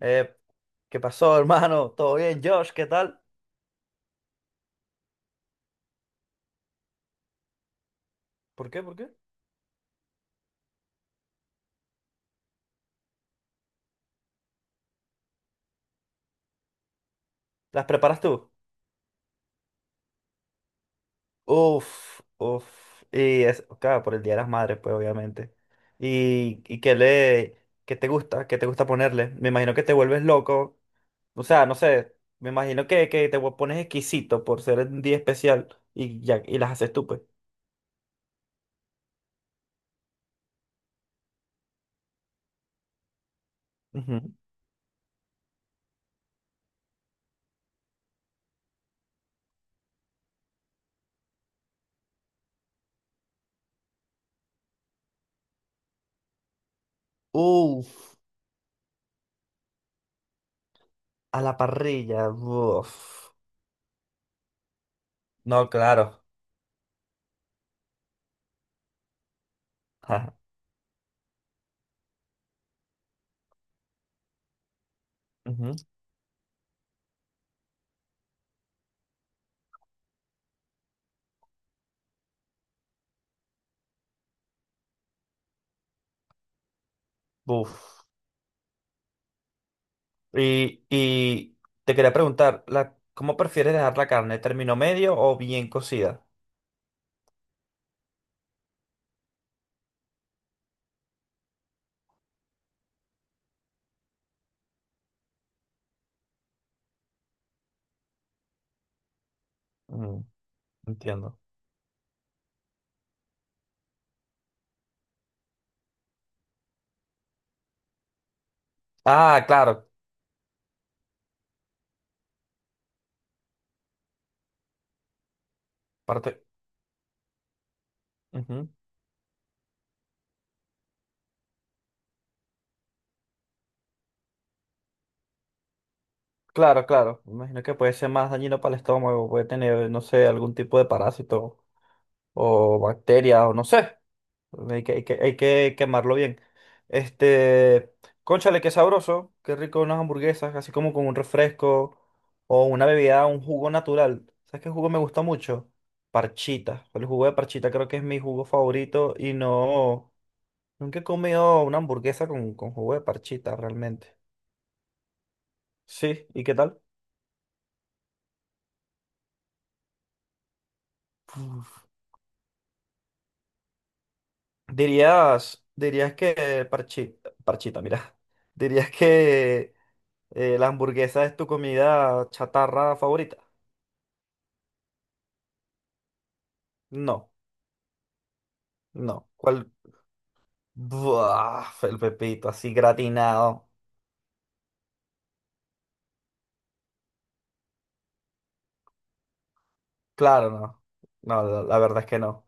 Eh, ¿qué pasó, hermano? ¿Todo bien, Josh? ¿Qué tal? ¿Por qué? ¿Por qué? ¿Las preparas tú? Uf, uf. Y es, claro, por el Día de las Madres, pues, obviamente. ¿Y qué te gusta? ¿Qué te gusta ponerle? Me imagino que te vuelves loco. O sea, no sé. Me imagino que te pones exquisito por ser un día especial y, ya, y las haces tú, pues. Ujú. Uf, a la parrilla. Uf. No, claro. Ajá. Ujú. Uf. Y te quería preguntar, ¿cómo prefieres dejar la carne? ¿Término medio o bien cocida? Mm, entiendo. Ah, claro. Parte... ujú. Claro, claro. Me imagino que puede ser más dañino para el estómago, puede tener, no sé, algún tipo de parásito o bacteria o no sé. Hay que quemarlo bien. Este, cónchale, qué sabroso, qué rico unas hamburguesas, así como con un refresco o una bebida, un jugo natural. ¿Sabes qué jugo me gusta mucho? Parchita. El jugo de parchita creo que es mi jugo favorito y no, nunca he comido una hamburguesa con jugo de parchita realmente. Sí, ¿y qué tal? Dirías que parchita, parchita, mira. Dirías que la hamburguesa es tu comida chatarra favorita. No, no. ¿Cuál? Buah, el pepito así gratinado. Claro, no. No, la verdad es que no.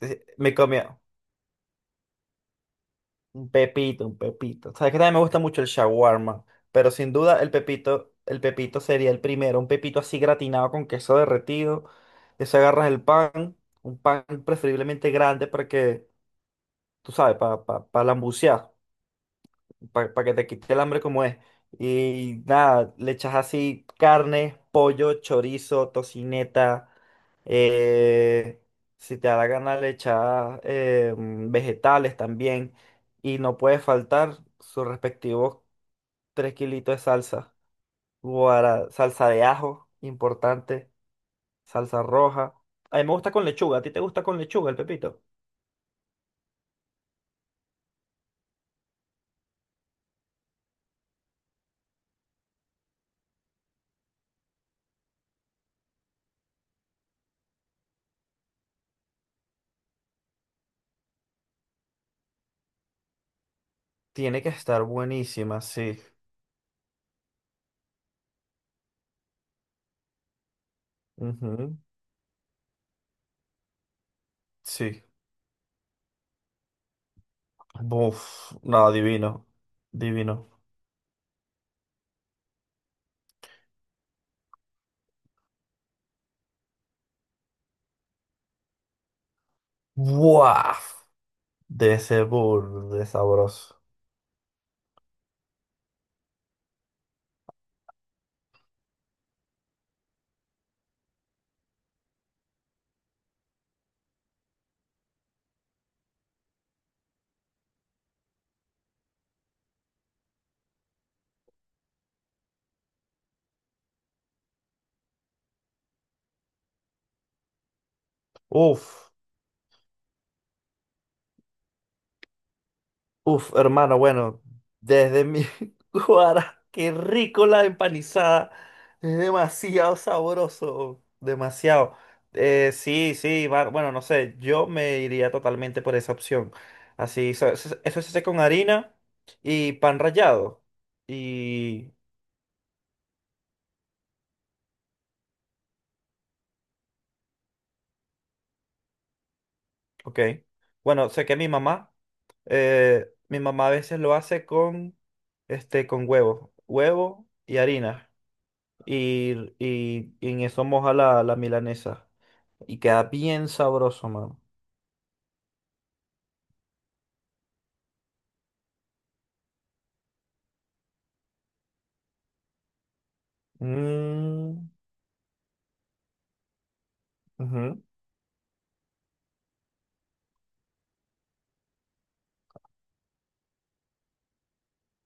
Sí, me comía un pepito, un pepito. Sabes que también me gusta mucho el shawarma, pero sin duda el pepito sería el primero. Un pepito así gratinado con queso derretido. Eso agarras el pan, un pan preferiblemente grande para que, tú sabes, para lambucear. Para que te quite el hambre como es. Y nada, le echas así carne, pollo, chorizo, tocineta. eh, si te da la gana, le echas vegetales también. Y no puede faltar sus respectivos 3 kilitos de salsa. Salsa de ajo, importante. Salsa roja. A mí me gusta con lechuga. ¿A ti te gusta con lechuga el pepito? Tiene que estar buenísima, sí. Ujú. Sí. Buf, no, divino, divino. Buah, de ese burro de sabroso. Uf, uf, hermano, bueno, desde mi guara, qué rico la empanizada. Es demasiado sabroso, demasiado. Sí, sí, bueno, no sé, yo me iría totalmente por esa opción. Así, eso se hace con harina y pan rallado. y Ok. Bueno, sé que mi mamá a veces lo hace con, con huevo, huevo y harina. Y en eso moja la milanesa. Y queda bien sabroso, mano. Mm, ujú.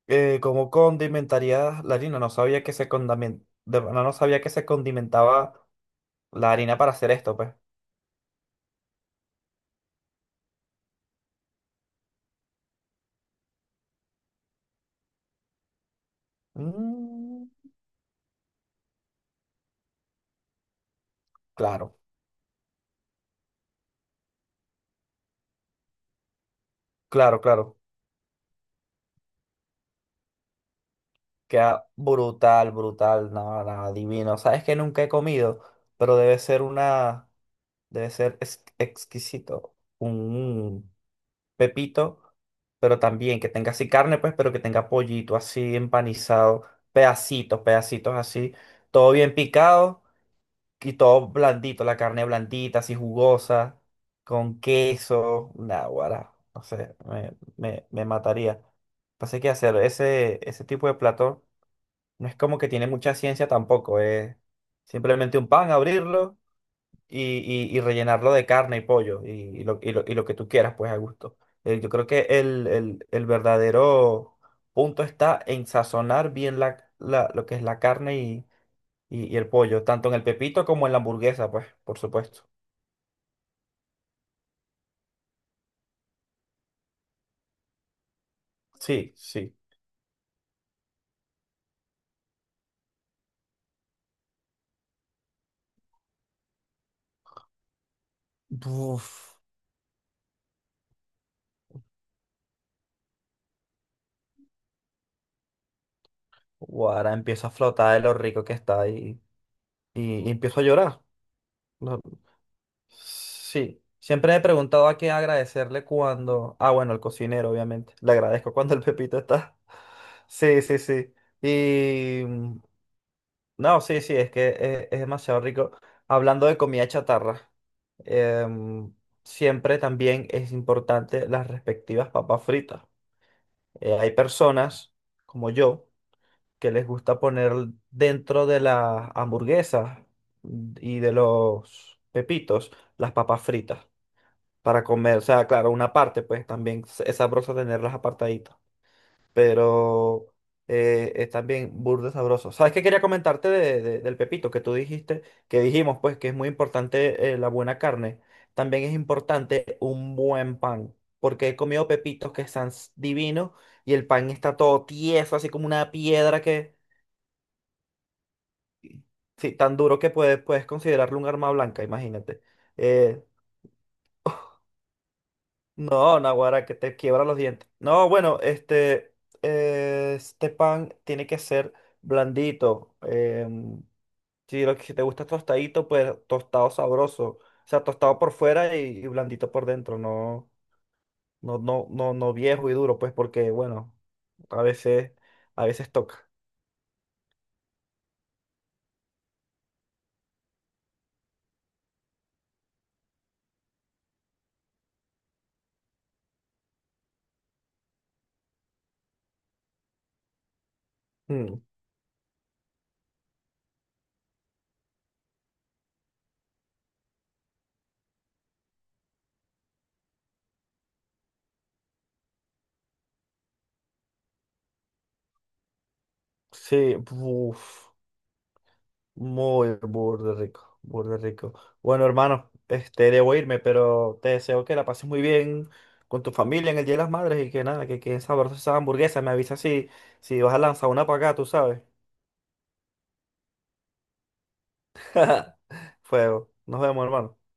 ¿Cómo condimentaría la harina? No sabía que se no, no sabía que se condimentaba la harina para hacer esto, pues. Mm, claro, claro, claro. Queda brutal, brutal, nada, nada, divino. Sabes que nunca he comido, pero debe ser exquisito. Un pepito, pero también que tenga así carne, pues, pero que tenga pollito así empanizado, pedacitos, pedacitos así, todo bien picado y todo blandito, la carne blandita, así jugosa, con queso, nada, guará, no sé, me mataría. Pasa que hacer ese tipo de plato. No es como que tiene mucha ciencia tampoco, es simplemente un pan, abrirlo y, y rellenarlo de carne y pollo y lo que tú quieras, pues a gusto. Yo creo que el verdadero punto está en sazonar bien lo que es la carne y el pollo, tanto en el pepito como en la hamburguesa, pues, por supuesto. Sí, sí. Uf, ahora empiezo a flotar de lo rico que está y empiezo a llorar. Sí, siempre me he preguntado a quién agradecerle cuando. Ah, bueno, al cocinero, obviamente. Le agradezco cuando el pepito está. Sí, sí, sí. Y... mm, No, sí, sí, es que es demasiado rico. Hablando de comida chatarra, em, siempre también es importante las respectivas papas fritas. Hay personas, como yo, que les gusta poner dentro de las hamburguesas y de los pepitos las papas fritas para comer. O sea, claro, una parte, pues también es sabroso tenerlas apartaditas. Pero es también burde sabroso. ¿Sabes qué quería comentarte del pepito que tú dijiste? Que dijimos, pues, que es muy importante la buena carne. También es importante un buen pan. Porque he comido pepitos que están divinos y el pan está todo tieso, así como una piedra que. Sí, tan duro que puedes considerarlo un arma blanca, imagínate. Eh, No, Naguará, que te quiebra los dientes. No, bueno, este pan tiene que ser blandito. Em, si lo que si te gusta tostadito, pues tostado sabroso. O sea, tostado por fuera y blandito por dentro. No, no, no, no, no viejo y duro, pues, porque, bueno, a veces, a veces toca. Mm, sí, uf. Muy burde rico, burde rico. Bueno, hermano, debo irme, pero te deseo que la pases muy bien con tu familia en el Día de las Madres y que nada, que queden sabrosas esas hamburguesas. Me avisa si vas a lanzar una para acá, tú sabes. Fuego. Nos vemos, hermano.